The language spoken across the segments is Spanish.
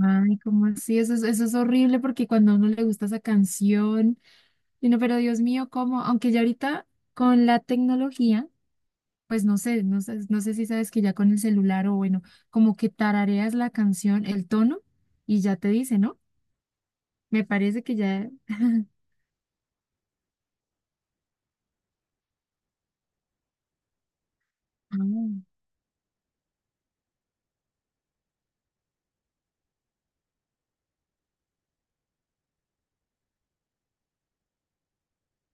Ay, ¿cómo así? Eso es horrible porque cuando a uno le gusta esa canción, y uno, pero Dios mío, ¿cómo? Aunque ya ahorita con la tecnología, pues no sé si sabes que ya con el celular o bueno, como que tarareas la canción, el tono, y ya te dice, ¿no? Me parece que ya, ah,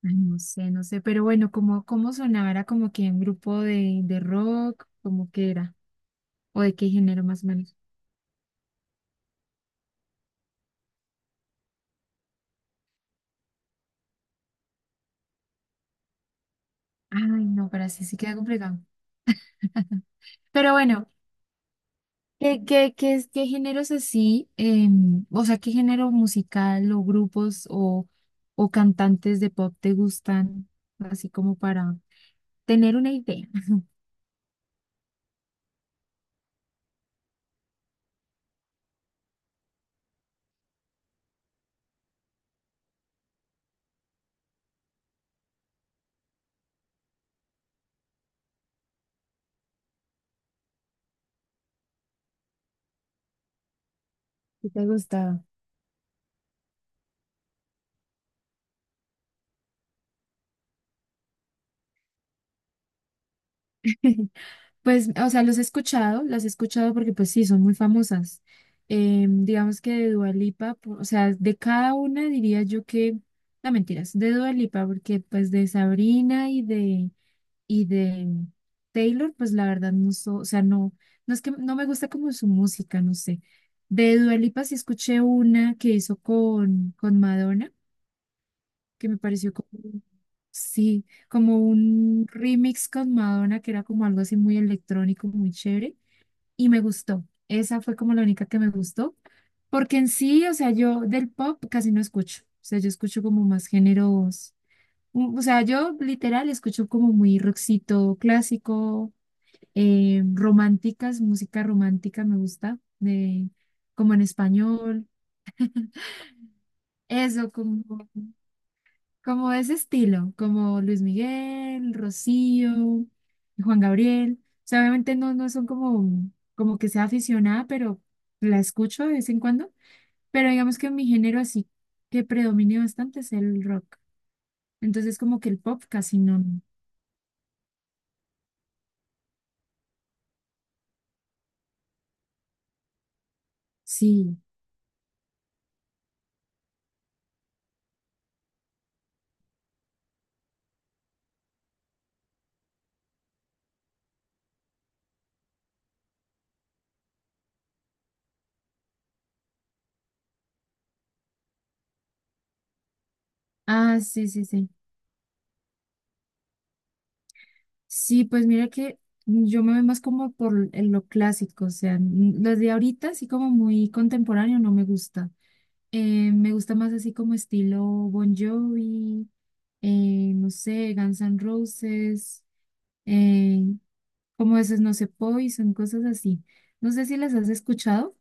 ay, no sé, pero bueno, ¿cómo sonaba? ¿Era como que un grupo de rock? ¿Cómo que era? ¿O de qué género más o menos? Ay, no, pero así sí queda complicado. Pero bueno. ¿Qué géneros así, o sea, qué género musical o grupos o cantantes de pop te gustan, así como para tener una idea? ¿Qué te gusta? Pues, o sea, los he escuchado, las he escuchado porque pues sí, son muy famosas. Digamos que de Dua Lipa, o sea, de cada una diría yo que, no mentiras, de Dua Lipa, porque pues de Sabrina y de Taylor, pues la verdad o sea, no, no es que no me gusta como su música, no sé. De Dua Lipa sí escuché una que hizo con Madonna, que me pareció como, sí, como un remix con Madonna, que era como algo así muy electrónico, muy chévere, y me gustó. Esa fue como la única que me gustó, porque en sí, o sea, yo del pop casi no escucho, o sea, yo escucho como más géneros. O sea, yo literal escucho como muy rockcito clásico, románticas, música romántica me gusta, de, como en español, eso, como, como ese estilo, como Luis Miguel, Rocío, Juan Gabriel. O sea, obviamente no, no son como, como que sea aficionada, pero la escucho de vez en cuando. Pero digamos que mi género así que predomine bastante es el rock. Entonces como que el pop casi no. Sí. Ah, sí, sí, sí. Sí, pues mira que yo me voy más como por en lo clásico, o sea, los de ahorita así como muy contemporáneo no me gusta. Me gusta más así como estilo Bon Jovi, no sé, Guns N' Roses, eh, como esos, no sé, Poison, cosas así. No sé si las has escuchado,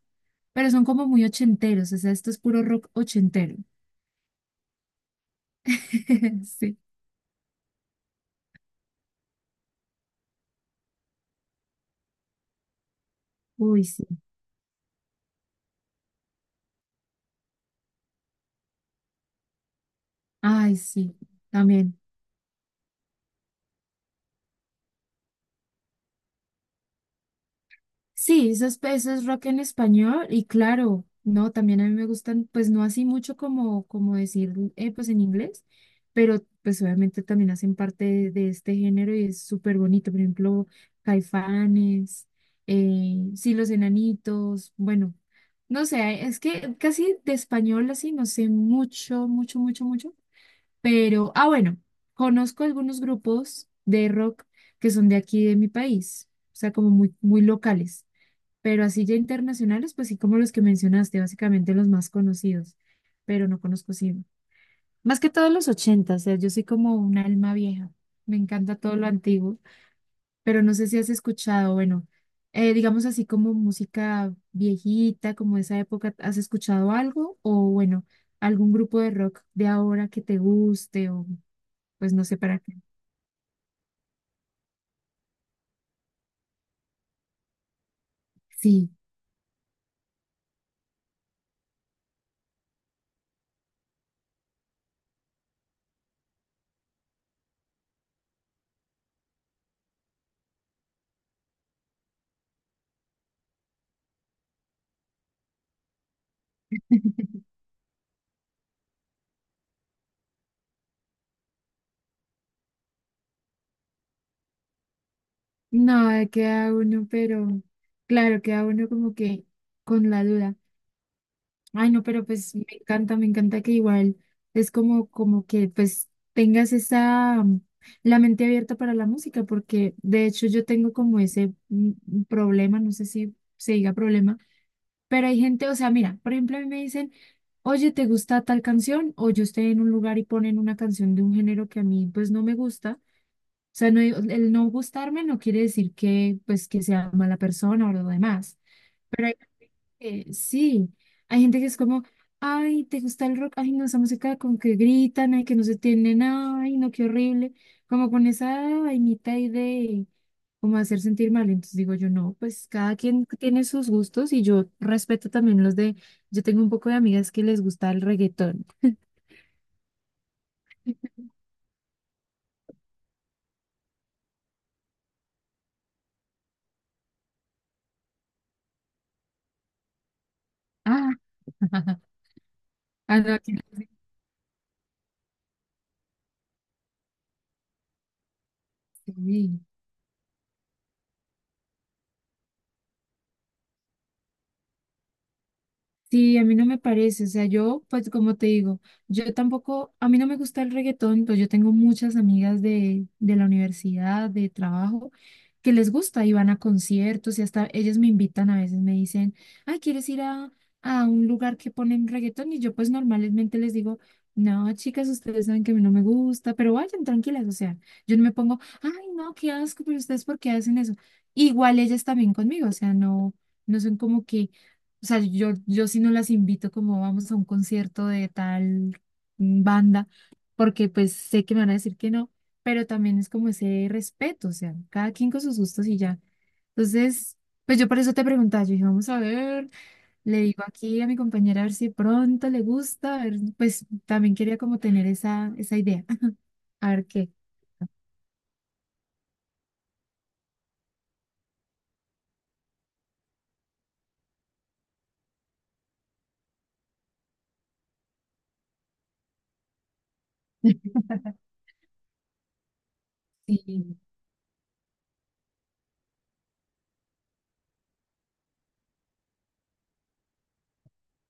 pero son como muy ochenteros, o sea, esto es puro rock ochentero. Sí. Uy, sí. Ay, sí, también. Sí, eso es rock en español y claro, no, también a mí me gustan, pues no así mucho como, como decir, pues en inglés, pero pues obviamente también hacen parte de este género y es súper bonito, por ejemplo, Caifanes, sí, Los Enanitos, bueno, no sé, es que casi de español así no sé mucho, pero, ah, bueno, conozco algunos grupos de rock que son de aquí de mi país, o sea, como muy locales. Pero así ya internacionales, pues sí, como los que mencionaste, básicamente los más conocidos, pero no conozco sí. Más que todos los 80, o sea, yo soy como un alma vieja, me encanta todo lo antiguo, pero no sé si has escuchado, bueno, digamos así como música viejita, como esa época, ¿has escuchado algo? O bueno, algún grupo de rock de ahora que te guste, o pues no sé para qué. Sí, no, queda uno, pero claro, queda uno como que con la duda. Ay, no, pero pues me encanta que igual es como, como que pues tengas esa, la mente abierta para la música, porque de hecho yo tengo como ese problema, no sé si se diga problema, pero hay gente, o sea, mira, por ejemplo, a mí me dicen, oye, ¿te gusta tal canción? O yo estoy en un lugar y ponen una canción de un género que a mí pues no me gusta. O sea, no, el no gustarme no quiere decir que, pues, que sea mala persona o lo demás. Pero hay gente que sí, hay gente que es como, ay, ¿te gusta el rock? Ay, no, esa música con que gritan, ay, que no se tienen, ay, no, qué horrible. Como con esa vainita ahí de como hacer sentir mal. Entonces digo yo, no, pues cada quien tiene sus gustos y yo respeto también los de, yo tengo un poco de amigas que les gusta el reggaetón. Ah, ah, no, aquí no. Sí. Sí, a mí no me parece, o sea, yo, pues como te digo, yo tampoco, a mí no me gusta el reggaetón, pues yo tengo muchas amigas de la universidad, de trabajo, que les gusta y van a conciertos y hasta ellas me invitan a veces, me dicen, ay, ¿quieres ir a un lugar que ponen reggaetón? Y yo pues normalmente les digo, no, chicas, ustedes saben que a mí no me gusta, pero vayan tranquilas, o sea, yo no me pongo, ay, no, qué asco, pero ustedes ¿por qué hacen eso? Igual ellas también conmigo, o sea, no, no son como que o sea, yo sí no las invito como vamos a un concierto de tal banda, porque pues sé que me van a decir que no, pero también es como ese respeto, o sea, cada quien con sus gustos y ya. Entonces, pues yo por eso te preguntaba, yo dije, vamos a ver, le digo aquí a mi compañera a ver si pronto le gusta, a ver, pues también quería como tener esa, esa idea, a ver qué. Sí,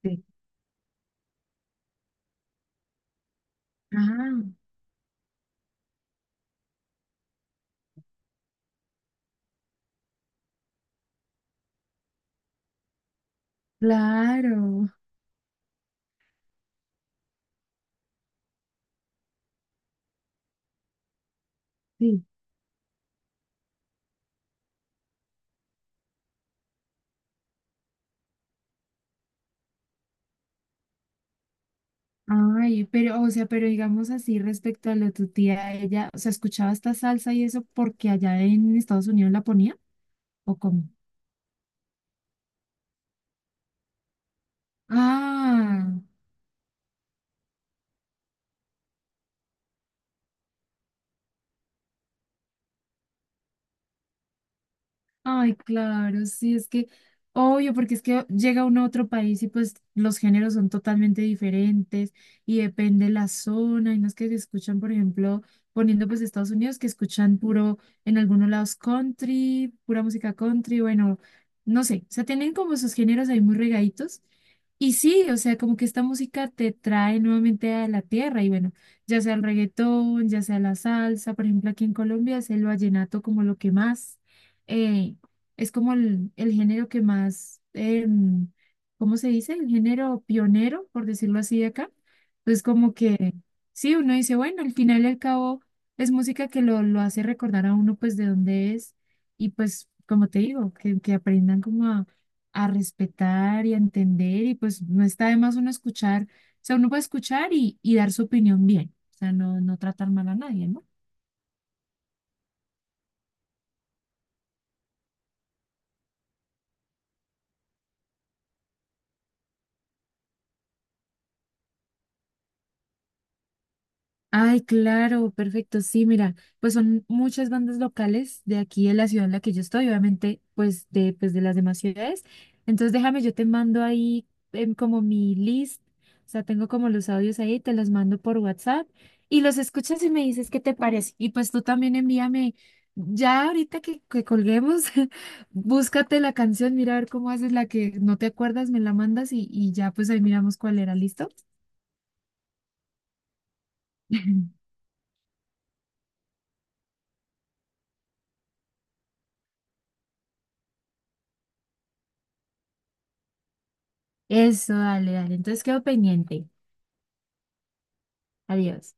sí. Ah, claro, sí. Ay, pero, o sea, pero digamos así respecto a lo de tu tía, ella, o sea, escuchaba esta salsa y eso porque allá en Estados Unidos la ponía, ¿o cómo? Ah, ay, claro, sí, es que, obvio, porque es que llega uno a otro país y pues los géneros son totalmente diferentes y depende la zona, y no es que se escuchan, por ejemplo, poniendo pues Estados Unidos, que escuchan puro, en algunos lados country, pura música country, bueno, no sé, o sea, tienen como sus géneros ahí muy regaditos. Y sí, o sea, como que esta música te trae nuevamente a la tierra y bueno, ya sea el reggaetón, ya sea la salsa, por ejemplo, aquí en Colombia es el vallenato como lo que más. eh, es como el género que más, ¿cómo se dice? El género pionero, por decirlo así de acá. Entonces, como que, sí, uno dice, bueno, al final y al cabo es música que lo hace recordar a uno pues de dónde es y pues, como te digo, que aprendan como a respetar y a entender y pues no está de más uno escuchar, o sea, uno puede escuchar y dar su opinión bien, o sea, no, no tratar mal a nadie, ¿no? Ay, claro, perfecto. Sí, mira, pues son muchas bandas locales de aquí de la ciudad en la que yo estoy, obviamente, pues de las demás ciudades. Entonces, déjame, yo te mando ahí como mi list, o sea, tengo como los audios ahí, te los mando por WhatsApp y los escuchas y me dices qué te parece. Y pues tú también envíame, ya ahorita que colguemos, búscate la canción, mira a ver cómo haces la que no te acuerdas, me la mandas y ya pues ahí miramos cuál era, ¿listo? Eso, dale, dale. Entonces quedo pendiente. Adiós.